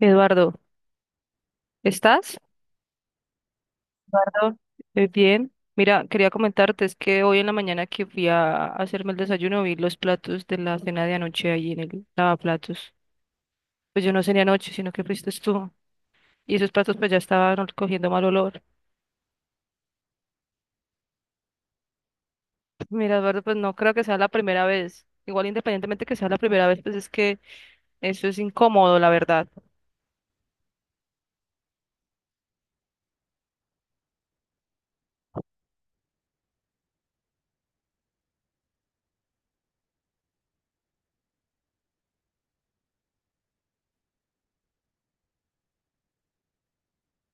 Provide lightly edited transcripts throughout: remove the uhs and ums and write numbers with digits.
Eduardo, ¿estás? Eduardo. Bien. Mira, quería comentarte, es que hoy en la mañana que fui a hacerme el desayuno vi los platos de la cena de anoche ahí en el lavaplatos. Pues yo no cené anoche, sino que fuiste tú. Y esos platos pues ya estaban cogiendo mal olor. Mira, Eduardo, pues no creo que sea la primera vez. Igual independientemente que sea la primera vez, pues es que eso es incómodo, la verdad.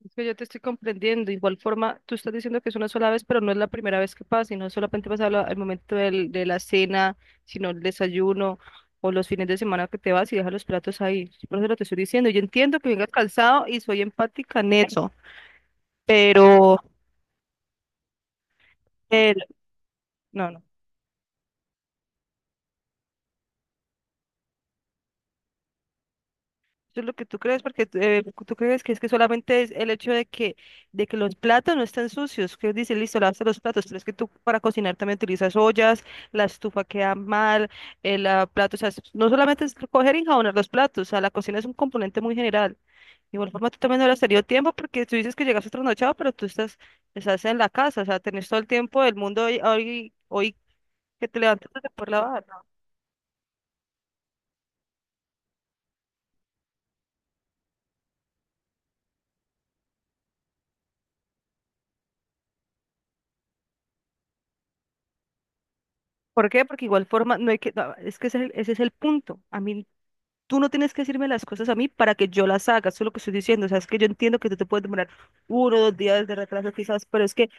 Es que yo te estoy comprendiendo. De igual forma, tú estás diciendo que es una sola vez, pero no es la primera vez que pasa, y no solamente pasa al momento de la cena, sino el desayuno o los fines de semana que te vas y dejas los platos ahí. Por eso lo te estoy diciendo. Yo entiendo que vengas cansado y soy empática en eso, pero el, no, no. Eso es lo que tú crees, porque tú tú crees que es que solamente es el hecho de que los platos no están sucios, que dice, listo, lavaste los platos, pero es que tú para cocinar también utilizas ollas, la estufa queda mal, el plato, o sea, es- no solamente es coger y enjabonar los platos, o sea, la cocina es un componente muy general. De igual forma, tú también no le has tenido tiempo porque tú dices que llegas trasnochado, pero tú estás, estás en la casa, o sea, tenés todo el tiempo del mundo hoy, hoy, hoy que te levantas para poder lavar. ¿Por qué? Porque igual forma, no hay que, no, es que ese es el punto. A mí tú no tienes que decirme las cosas a mí para que yo las haga, eso es lo que estoy diciendo. O sea, es que yo entiendo que tú te puedes demorar uno o dos días de retraso quizás, pero es que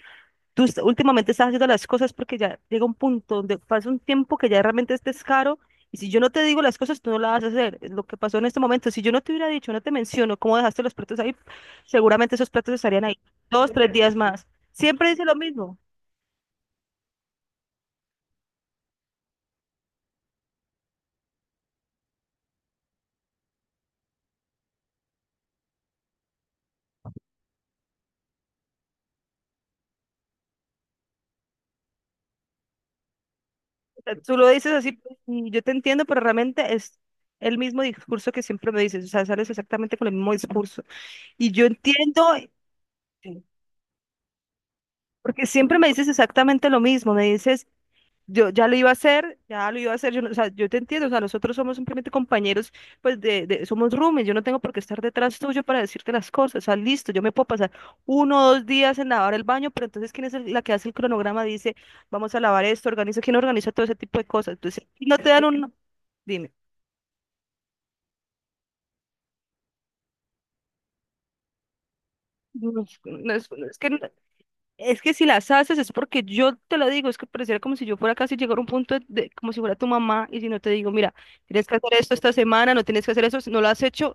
últimamente estás haciendo las cosas porque ya llega un punto donde pasa un tiempo que ya realmente es descaro y si yo no te digo las cosas, tú no las vas a hacer. Es lo que pasó en este momento, si yo no te hubiera dicho, no te menciono cómo dejaste los platos ahí, seguramente esos platos estarían ahí dos, tres días más. Siempre dice lo mismo. O sea, tú lo dices así pues, y yo te entiendo, pero realmente es el mismo discurso que siempre me dices, o sea, sales exactamente con el mismo discurso. Y yo entiendo. Sí. Porque siempre me dices exactamente lo mismo, me dices, yo ya lo iba a hacer, ya lo iba a hacer, yo, no- o sea, yo te entiendo, o sea, nosotros somos simplemente compañeros, pues somos roomies, yo no tengo por qué estar detrás tuyo para decirte las cosas, o sea, listo, yo me puedo pasar uno o dos días en lavar el baño, pero entonces, ¿quién es la que hace el cronograma? Dice, vamos a lavar esto, organiza, ¿quién organiza todo ese tipo de cosas? Entonces, si no te dan un, no, dime, no, no es que es que si las haces es porque yo te lo digo, es que pareciera como si yo fuera casi llegar a un punto de, como si fuera tu mamá y si no te digo, mira, tienes que hacer esto esta semana, no tienes que hacer eso, si no lo has hecho,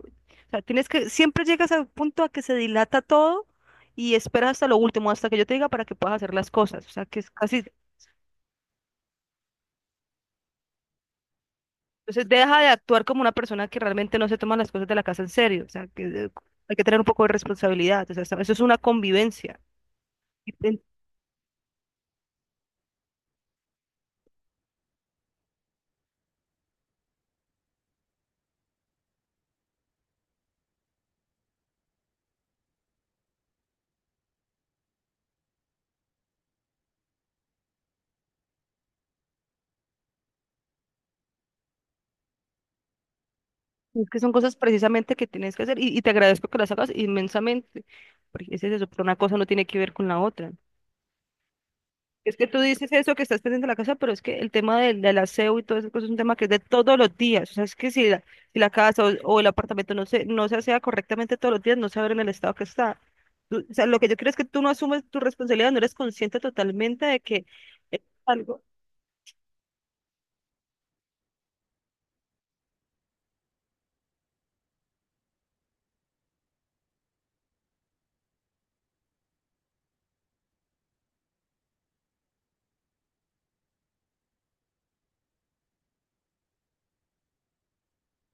o sea, tienes que, siempre llegas al punto a que se dilata todo y esperas hasta lo último, hasta que yo te diga para que puedas hacer las cosas, o sea, que es casi, entonces deja de actuar como una persona que realmente no se toma las cosas de la casa en serio, o sea, que hay que tener un poco de responsabilidad, o sea, eso eso es una convivencia. Es que son cosas precisamente que tienes que hacer y te agradezco que las hagas inmensamente, porque es eso, pero una cosa no tiene que ver con la otra. Es que tú dices eso que estás pendiente de la casa, pero es que el tema del, del aseo y todo eso pues, es un tema que es de todos los días. O sea, es que si la, si la casa o el apartamento no se, no se asea correctamente todos los días, no se abre en el estado que está. O sea, lo que yo creo es que tú no asumes tu responsabilidad, no eres consciente totalmente de que es algo.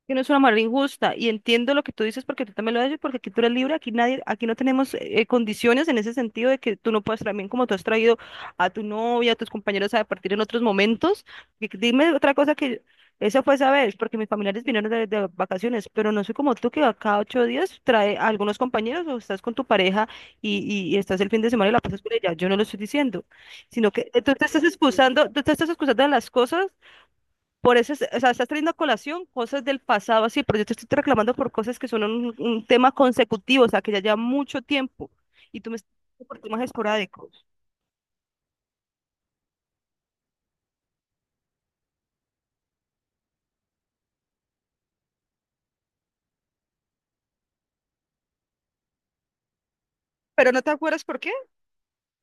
Que no es una manera injusta. Y entiendo lo que tú dices porque tú también lo has porque aquí tú eres libre, aquí nadie, aquí no tenemos condiciones en ese sentido de que tú no puedes también como tú has traído a tu novia, a tus compañeros a partir en otros momentos. Dime otra cosa que esa fue esa vez, porque mis familiares vinieron de vacaciones, pero no soy como tú que a cada 8 días trae a algunos compañeros o estás con tu pareja y, y estás el fin de semana y la pasas con ella. Yo no lo estoy diciendo, sino que tú te estás excusando, tú te estás excusando de las cosas por eso, o sea, estás trayendo a colación cosas del pasado así, pero yo te estoy reclamando por cosas que son un tema consecutivo, o sea, que ya lleva mucho tiempo y tú me estás por temas esporádicos. ¿Pero no te acuerdas por qué?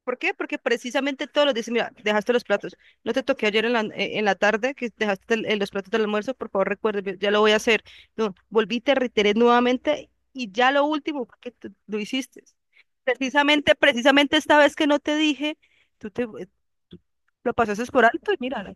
¿Por qué? Porque precisamente todos los días, mira, dejaste los platos. No te toqué ayer en la tarde que dejaste los platos del almuerzo, por favor recuerde, ya lo voy a hacer. No, volví, te reiteré nuevamente y ya lo último, porque tú lo hiciste. Precisamente, precisamente esta vez que no te dije, tú te tú lo pasaste por alto y mira. ¿No?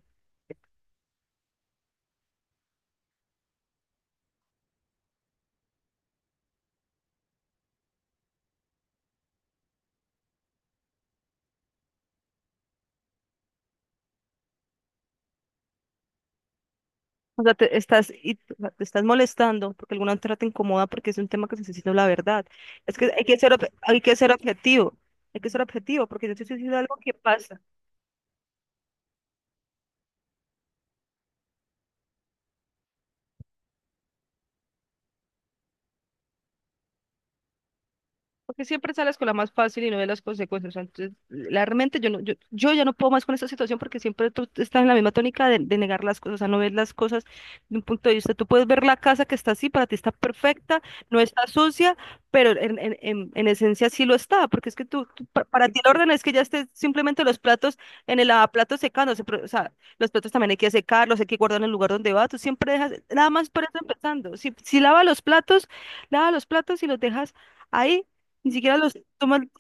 O sea, te estás, o sea, te estás molestando porque alguna otra te incomoda porque es un tema que se necesita la verdad. Es que hay que ser, hay que ser objetivo, hay que ser objetivo porque yo te estoy diciendo algo que pasa. Porque siempre sales con la más fácil y no ves las consecuencias. Entonces, la- realmente yo, no, yo ya no puedo más con esta situación porque siempre tú estás en la misma tónica de negar las cosas, o sea, no ves las cosas de un punto de vista. Tú puedes ver la casa que está así, para ti está perfecta, no está sucia, pero en esencia sí lo está, porque es que tú, para ti el orden es que ya esté simplemente los platos en el lavaplatos secándose, pero, o sea, los platos también hay que secarlos, hay que guardar en el lugar donde va, tú siempre dejas, nada más por eso empezando. Si, si lava los platos, lava los platos y los dejas ahí ni siquiera los toman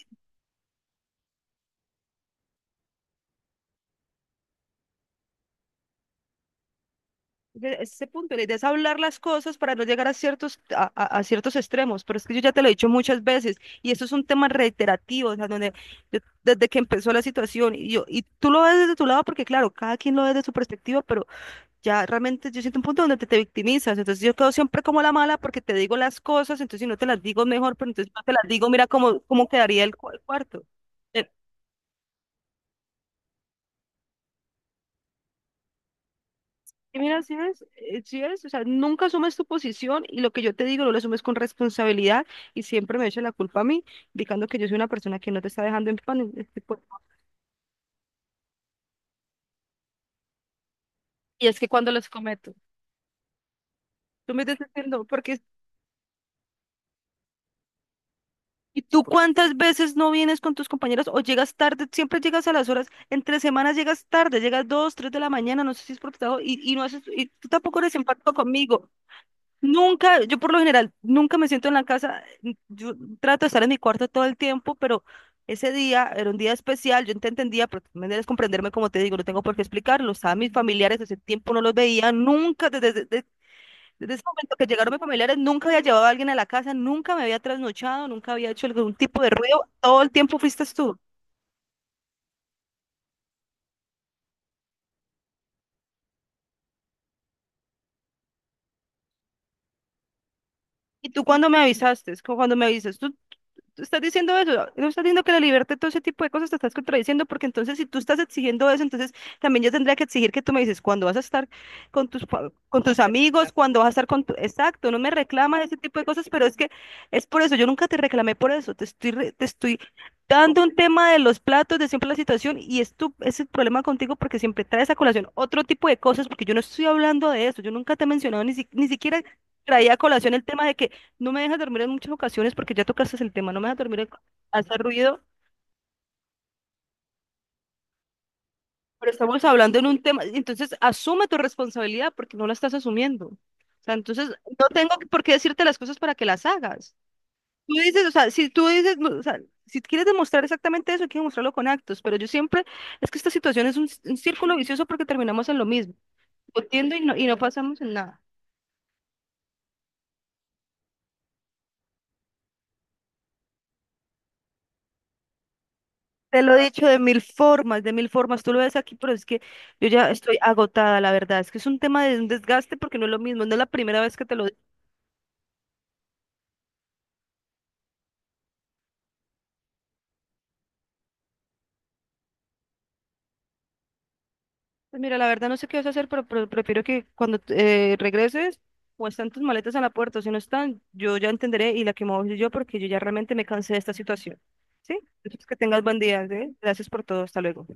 de ese punto. La idea es hablar las cosas para no llegar a ciertos, a ciertos extremos. Pero es que yo ya te lo he dicho muchas veces y esto es un tema reiterativo, o sea, donde desde que empezó la situación y yo, y tú lo ves desde tu lado porque claro, cada quien lo ve desde su perspectiva, pero ya realmente yo siento un punto donde te victimizas. Entonces yo quedo siempre como la mala porque te digo las cosas, entonces si no te las digo es mejor, pero entonces si no te las digo, mira cómo, cómo quedaría el cuarto. Eh, Y mira, si ves, si ves, o sea, nunca asumes tu posición y lo que yo te digo no lo asumes con responsabilidad y siempre me echa la culpa a mí, indicando que yo soy una persona que no te está dejando en pan. Este, pues, y es que cuando los cometo, tú me estás diciendo, porque, ¿y tú cuántas veces no vienes con tus compañeros o llegas tarde? Siempre llegas a las horas, entre semanas llegas tarde, llegas dos, tres de la mañana, no sé si es por trabajo, y no haces, y tú tampoco eres empático conmigo. Nunca, yo por lo general, nunca me siento en la casa. Yo trato de estar en mi cuarto todo el tiempo, pero ese día era un día especial. Yo te entendía, pero tú me debes comprenderme, como te digo, no tengo por qué explicarlo. Estaban mis familiares, ese tiempo no los veía, nunca, desde- desde ese momento que llegaron mis familiares, nunca había llevado a alguien a la casa, nunca me había trasnochado, nunca había hecho algún tipo de ruido. Todo el tiempo fuiste tú. ¿Y tú cuando me avisaste? Es como cuando me avisas, tú estás diciendo eso, no estás diciendo que la libertad, todo ese tipo de cosas te estás contradiciendo, porque entonces si tú estás exigiendo eso, entonces también yo tendría que exigir que tú me dices cuándo vas a estar con con tus amigos, cuándo vas a estar con tu... Exacto, no me reclamas ese tipo de cosas, pero es que es por eso, yo nunca te reclamé por eso, te estoy, te estoy dando un tema de los platos, de siempre la situación, y es tu, es el problema contigo porque siempre traes a colación otro tipo de cosas, porque yo no estoy hablando de eso, yo nunca te he mencionado, ni, ni siquiera traía a colación el tema de que no me dejas dormir en muchas ocasiones porque ya tocaste el tema, no me dejas dormir, en- hace ruido, pero estamos hablando en un tema, entonces asume tu responsabilidad porque no la estás asumiendo. O sea, entonces no tengo por qué decirte las cosas para que las hagas. Tú dices, o sea, si tú dices, no, o sea, si quieres demostrar exactamente eso, hay que demostrarlo con actos, pero yo siempre, es que esta situación es un, un círculo vicioso porque terminamos en lo mismo, discutiendo y no pasamos en nada. Te lo he dicho de mil formas, de mil formas. Tú lo ves aquí, pero es que yo ya estoy agotada, la verdad. Es que es un tema de un desgaste porque no es lo mismo. No es la primera vez que te lo digo. Pues mira, la verdad no sé qué vas a hacer, pero prefiero que cuando regreses o están tus maletas en la puerta o si no están, yo ya entenderé y la que me voy soy yo porque yo ya realmente me cansé de esta situación. ¿Sí? Entonces que tengas buen día, ¿sí? Gracias por todo. Hasta luego.